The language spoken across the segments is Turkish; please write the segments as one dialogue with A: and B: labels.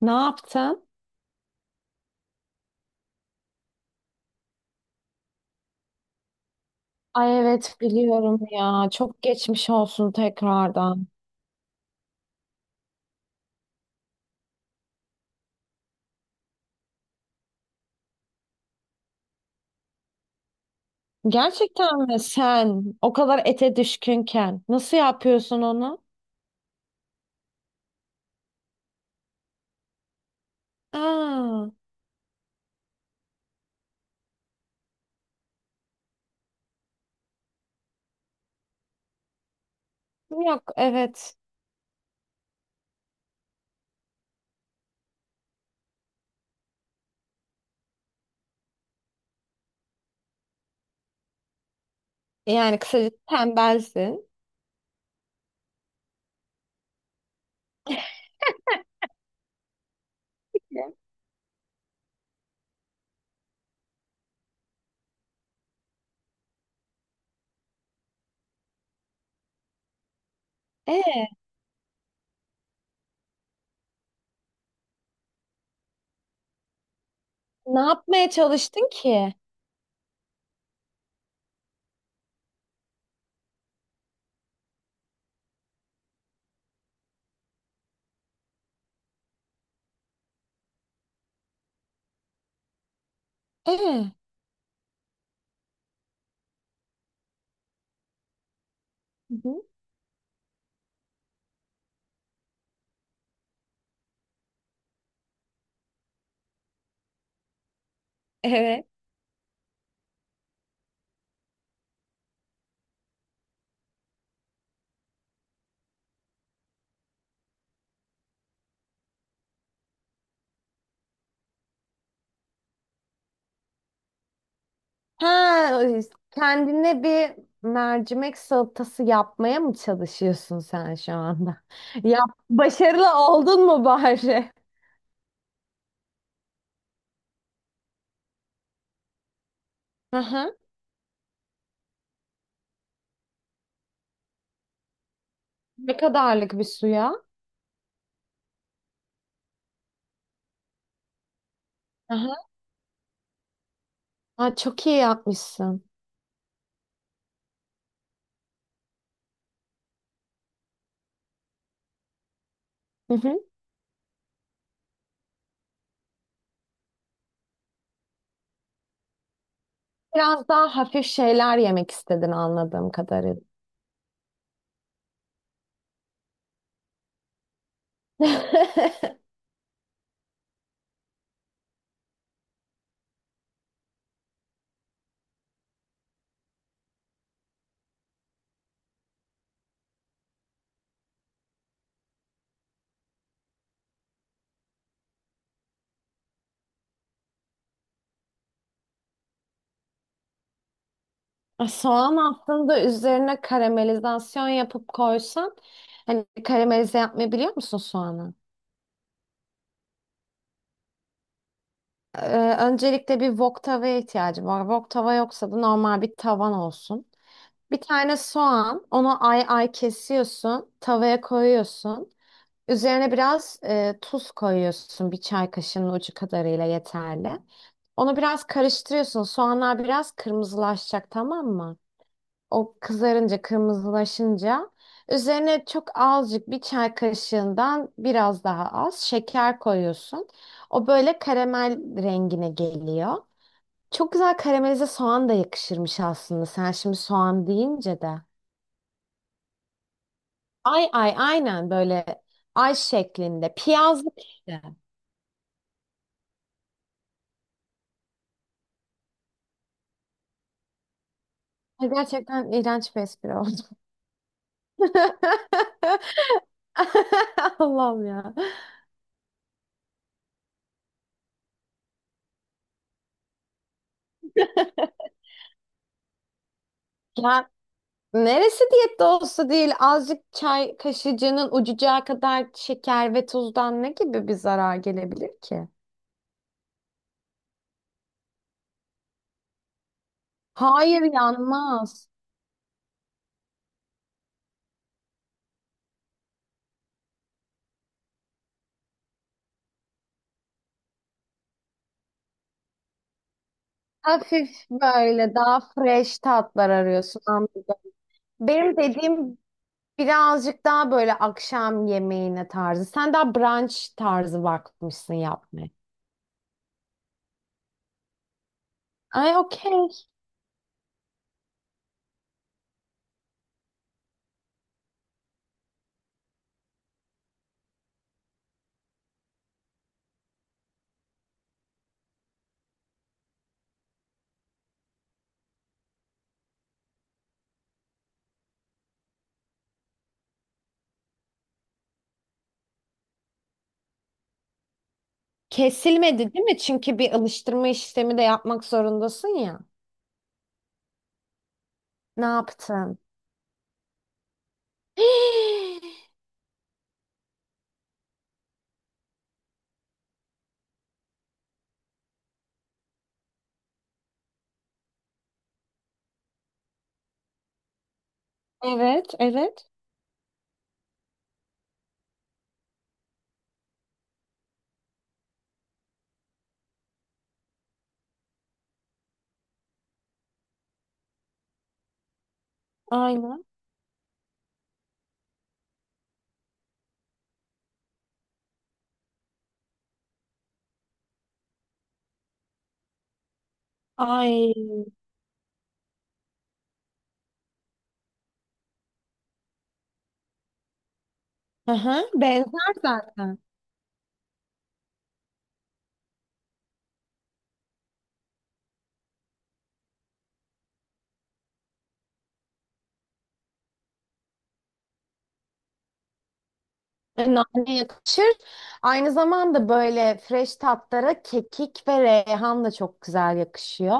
A: Ne yaptın? Ay evet biliyorum ya. Çok geçmiş olsun tekrardan. Gerçekten mi sen o kadar ete düşkünken nasıl yapıyorsun onu? Aa, yok evet. Yani kısaca tembelsin. E, ne yapmaya çalıştın ki? E, hı hı, evet. Ha, kendine bir mercimek salatası yapmaya mı çalışıyorsun sen şu anda? Ya başarılı oldun mu bari? Aha. Ne kadarlık bir suya? Aha. Aa, çok iyi yapmışsın. Hı hı. Biraz daha hafif şeyler yemek istedin anladığım kadarıyla. Soğan aslında üzerine karamelizasyon yapıp koysan hani karamelize yapmayı biliyor musun soğanı? Öncelikle bir wok tavaya ihtiyacı var. Wok tava yoksa da normal bir tavan olsun. Bir tane soğan, onu ay ay kesiyorsun, tavaya koyuyorsun. Üzerine biraz tuz koyuyorsun bir çay kaşığının ucu kadarıyla yeterli. Onu biraz karıştırıyorsun. Soğanlar biraz kırmızılaşacak tamam mı? O kızarınca, kırmızılaşınca üzerine çok azıcık bir çay kaşığından biraz daha az şeker koyuyorsun. O böyle karamel rengine geliyor. Çok güzel karamelize soğan da yakışırmış aslında. Sen şimdi soğan deyince de. Ay ay aynen böyle ay şeklinde. Piyazlık işte. Gerçekten iğrenç bir espri oldu. Allah'ım ya. Ya neresi diyette olsa değil azıcık çay kaşıcının ucucağı kadar şeker ve tuzdan ne gibi bir zarar gelebilir ki? Hayır yanmaz. Hafif böyle daha fresh tatlar arıyorsun anladım. Benim dediğim birazcık daha böyle akşam yemeğine tarzı. Sen daha brunch tarzı bakmışsın yapmaya. Ay okey. Kesilmedi değil mi? Çünkü bir alıştırma işlemi de yapmak zorundasın ya. Ne yaptın? Evet, evet. Aynen. Ay. Hı hı, benzer zaten. Nane yakışır. Aynı zamanda böyle fresh tatlara kekik ve reyhan da çok güzel yakışıyor.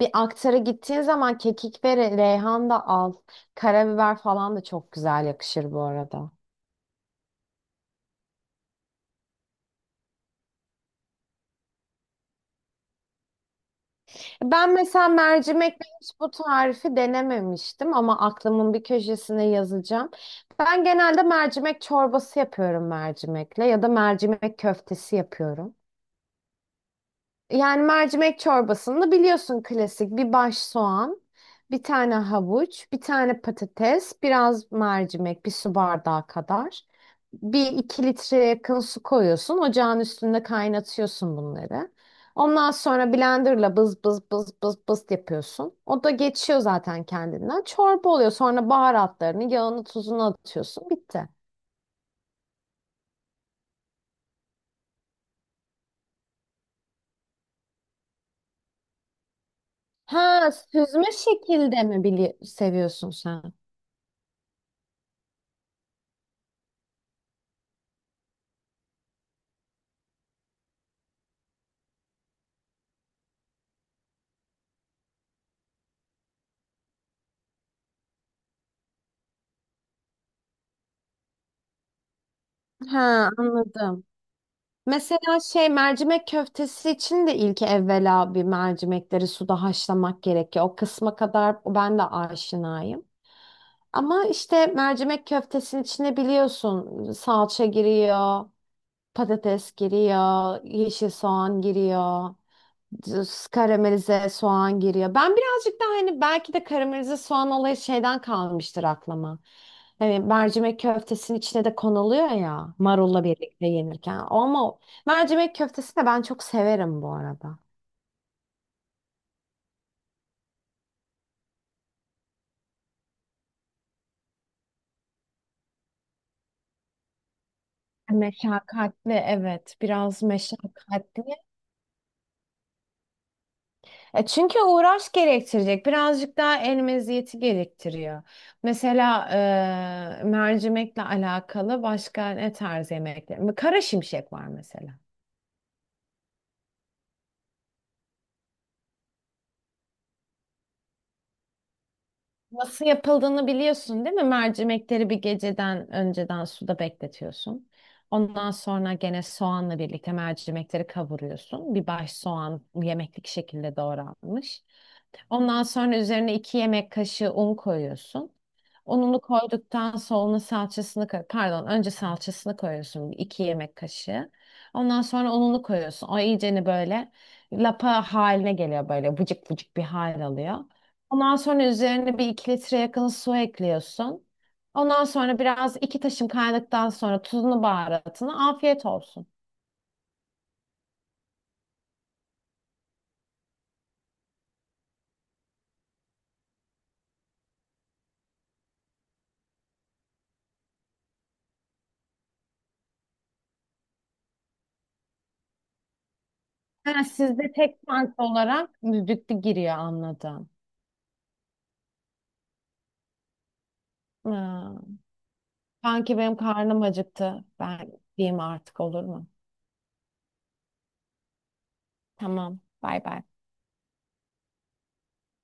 A: Bir aktara gittiğin zaman kekik ve reyhan da al. Karabiber falan da çok güzel yakışır bu arada. Ben mesela mercimek hiç bu tarifi denememiştim ama aklımın bir köşesine yazacağım. Ben genelde mercimek çorbası yapıyorum mercimekle ya da mercimek köftesi yapıyorum. Yani mercimek çorbasında biliyorsun klasik bir baş soğan, bir tane havuç, bir tane patates, biraz mercimek, bir su bardağı kadar. Bir iki litreye yakın su koyuyorsun. Ocağın üstünde kaynatıyorsun bunları. Ondan sonra blenderla bız bız bız bız bız yapıyorsun. O da geçiyor zaten kendinden. Çorba oluyor. Sonra baharatlarını, yağını, tuzunu atıyorsun. Bitti. Ha, süzme şekilde mi seviyorsun sen? Ha, anladım. Mesela şey mercimek köftesi için de ilk evvela bir mercimekleri suda haşlamak gerekiyor. O kısma kadar ben de aşinayım. Ama işte mercimek köftesinin içine biliyorsun salça giriyor, patates giriyor, yeşil soğan giriyor düz karamelize soğan giriyor. Ben birazcık daha hani belki de karamelize soğan olayı şeyden kalmıştır aklıma. Hani mercimek köftesinin içine de konuluyor ya marulla birlikte yenirken. Ama mercimek köftesi de ben çok severim bu arada. Meşakkatli evet biraz meşakkatli. E çünkü uğraş gerektirecek birazcık daha el meziyeti gerektiriyor. Mesela mercimekle alakalı başka ne tarz yemekler? Kara şimşek var mesela. Nasıl yapıldığını biliyorsun değil mi? Mercimekleri bir geceden önceden suda bekletiyorsun. Ondan sonra gene soğanla birlikte mercimekleri kavuruyorsun. Bir baş soğan yemeklik şekilde doğranmış. Ondan sonra üzerine 2 yemek kaşığı un koyuyorsun. Ununu koyduktan sonra onun salçasını pardon önce salçasını koyuyorsun 2 yemek kaşığı. Ondan sonra ununu koyuyorsun. O iyiceni böyle lapa haline geliyor böyle vıcık vıcık bir hal alıyor. Ondan sonra üzerine bir 2 litre yakın su ekliyorsun. Ondan sonra biraz iki taşım kaynadıktan sonra tuzunu baharatını afiyet olsun. Ha, sizde tek farklı olarak düdüklü giriyor anladım. Ha, sanki benim karnım acıktı. Ben diyeyim artık olur mu? Tamam. Bay bay.